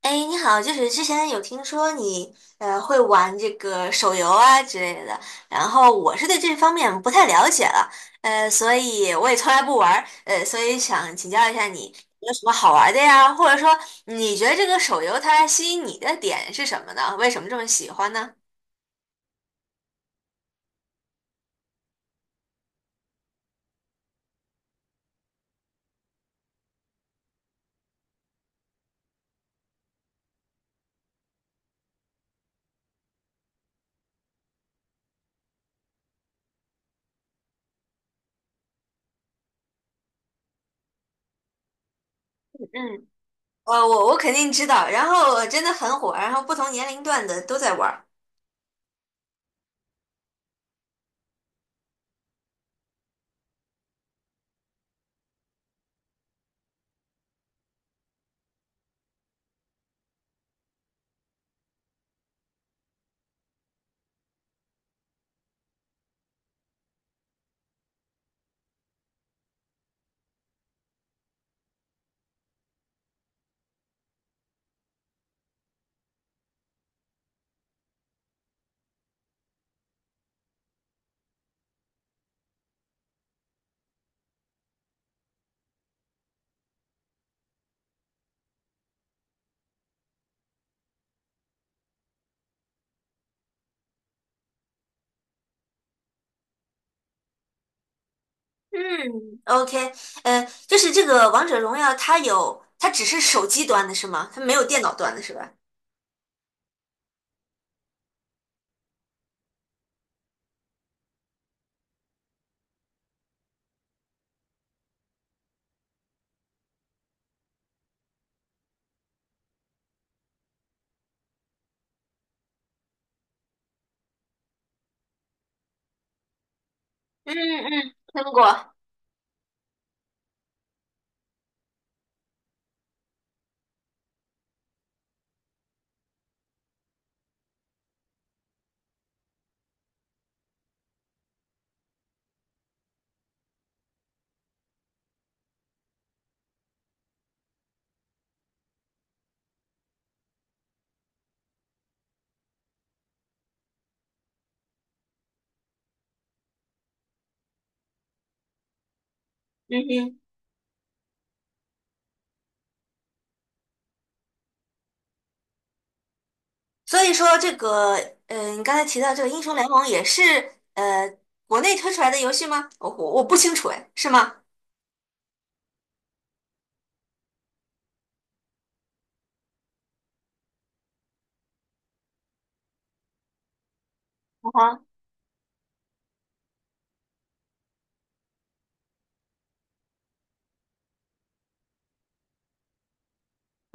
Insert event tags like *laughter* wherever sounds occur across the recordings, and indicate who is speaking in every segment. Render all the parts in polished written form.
Speaker 1: 哎，你好，就是之前有听说你会玩这个手游啊之类的，然后我是对这方面不太了解了。所以我也从来不玩儿，所以想请教一下你有什么好玩儿的呀？或者说你觉得这个手游它吸引你的点是什么呢？为什么这么喜欢呢？嗯，我肯定知道，然后真的很火，然后不同年龄段的都在玩儿。嗯，OK。就是这个王者荣耀，它有，它只是手机端的是吗？它没有电脑端的是吧？嗯嗯，听过。嗯哼。所以说这个，嗯，你刚才提到这个英雄联盟也是呃国内推出来的游戏吗？我不清楚，哎，是吗？啊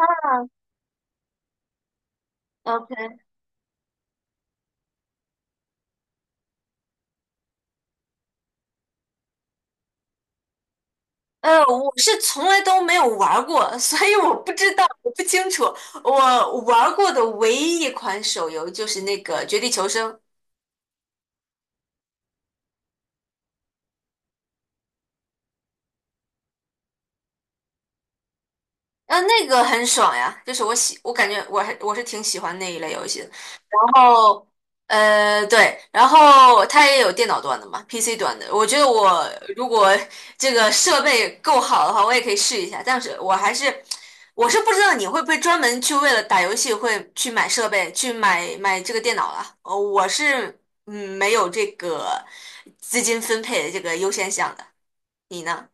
Speaker 1: 哈。嗯，OK。我是从来都没有玩儿过，*laughs* 所以我不知道，我不清楚。我玩儿过的唯一一款手游就是那个《绝地求生》。啊，那个很爽呀，就是我感觉我是挺喜欢那一类游戏的。然后，对，然后它也有电脑端的嘛，PC 端的。我觉得我如果这个设备够好的话，我也可以试一下。但是我还是，我是不知道你会不会专门去为了打游戏会去买设备，去买这个电脑了。我是没有这个资金分配的这个优先项的，你呢？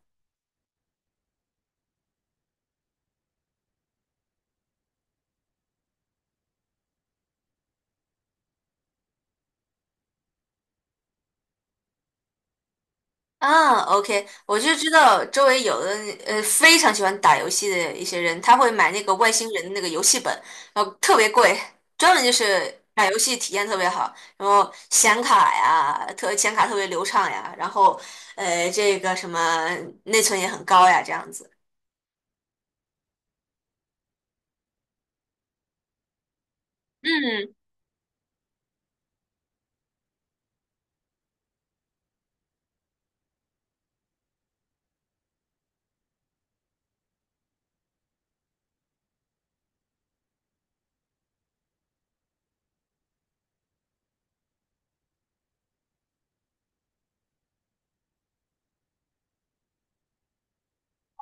Speaker 1: 啊，OK，我就知道周围有的非常喜欢打游戏的一些人，他会买那个外星人的那个游戏本，然后特别贵，专门就是打游戏体验特别好，然后显卡呀，显卡特别流畅呀，然后这个什么内存也很高呀，这样子。嗯，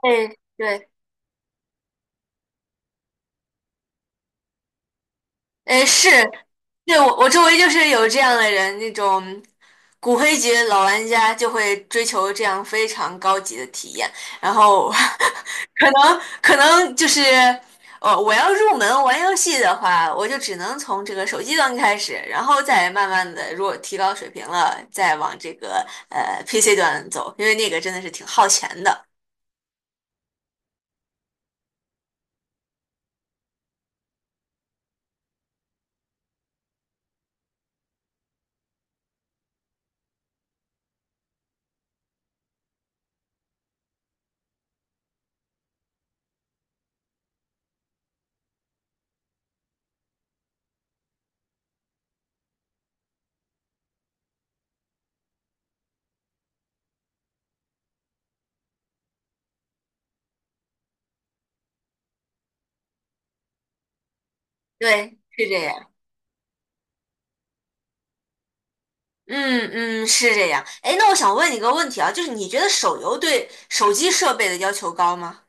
Speaker 1: 对对。哎，是，对，我我周围就是有这样的人，那种骨灰级的老玩家就会追求这样非常高级的体验，然后 *laughs* 可能就是，我要入门玩游戏的话，我就只能从这个手机端开始，然后再慢慢的，如果提高水平了，再往这个PC 端走，因为那个真的是挺耗钱的。对，是这样。嗯嗯，是这样。哎，那我想问你个问题啊，就是你觉得手游对手机设备的要求高吗？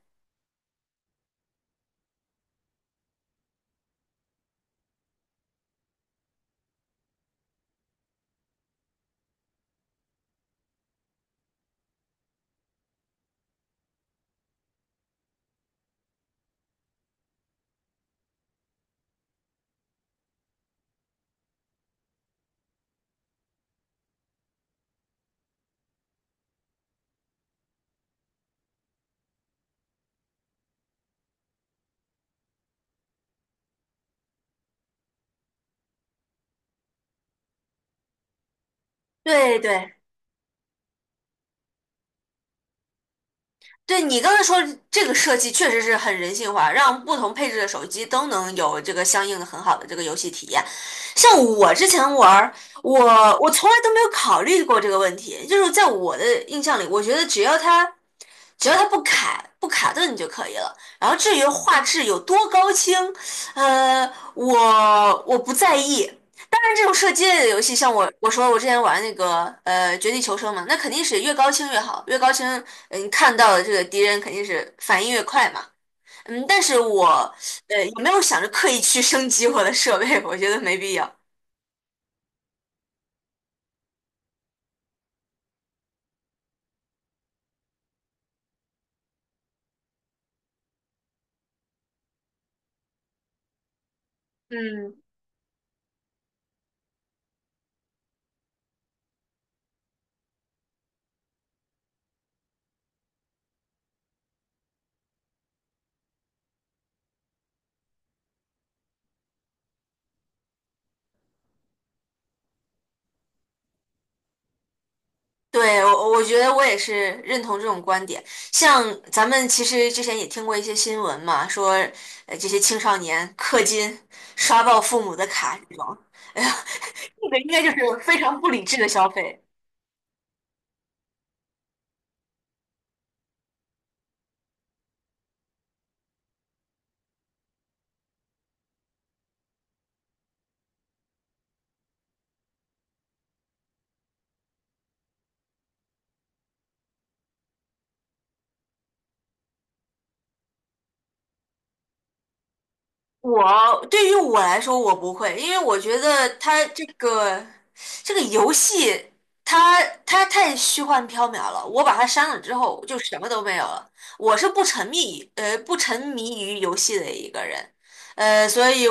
Speaker 1: 对对。对你刚才说这个设计确实是很人性化，让不同配置的手机都能有这个相应的很好的这个游戏体验。像我之前玩儿，我我从来都没有考虑过这个问题，就是在我的印象里，我觉得只要它不卡顿就可以了。然后至于画质有多高清，呃，我不在意。当然，这种射击类的游戏，像我之前玩那个《绝地求生》嘛，那肯定是越高清越好，越高清，嗯，看到的这个敌人肯定是反应越快嘛。嗯，但是我也没有想着刻意去 *laughs* 升级我的设备，我觉得没必要。嗯，对，我觉得我也是认同这种观点。像咱们其实之前也听过一些新闻嘛，说这些青少年氪金、刷爆父母的卡这种，*laughs* 哎呀，*laughs* 这个应该就是非常不理智的消费。我对于我来说，我不会，因为我觉得它这个这个游戏，它太虚幻缥缈了。我把它删了之后，就什么都没有了。我是不沉迷于游戏的一个人，呃，所以。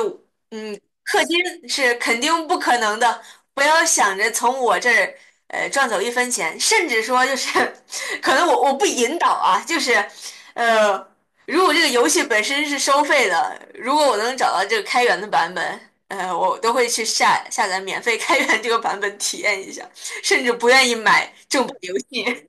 Speaker 1: 氪金是肯定不可能的，不要想着从我这儿赚走一分钱，甚至说就是 *laughs* 可能我我不引导啊，就是呃，如果这个游戏本身是收费的，如果我能找到这个开源的版本，我都会去下载免费开源这个版本体验一下，甚至不愿意买正版游戏。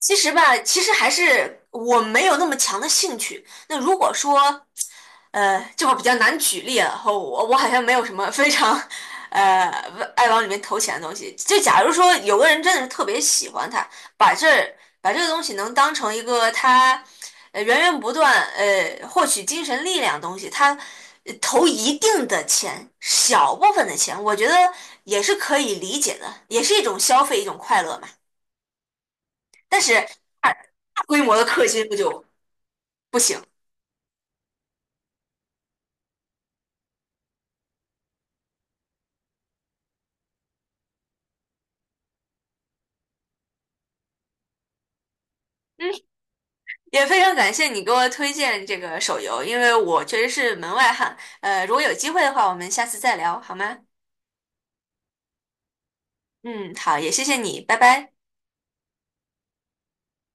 Speaker 1: 其实吧，其实还是我没有那么强的兴趣。那如果说，这会儿比较难举例啊，我好像没有什么非常，呃，爱往里面投钱的东西。就假如说有个人真的是特别喜欢它，把这儿把这个东西能当成一个他，源源不断获取精神力量的东西，他投一定的钱，小部分的钱，我觉得也是可以理解的，也是一种消费，一种快乐嘛。但是大大规模的氪金不行。嗯，也非常感谢你给我推荐这个手游，因为我确实是门外汉。呃，如果有机会的话，我们下次再聊好吗？嗯，好，也谢谢你，拜拜。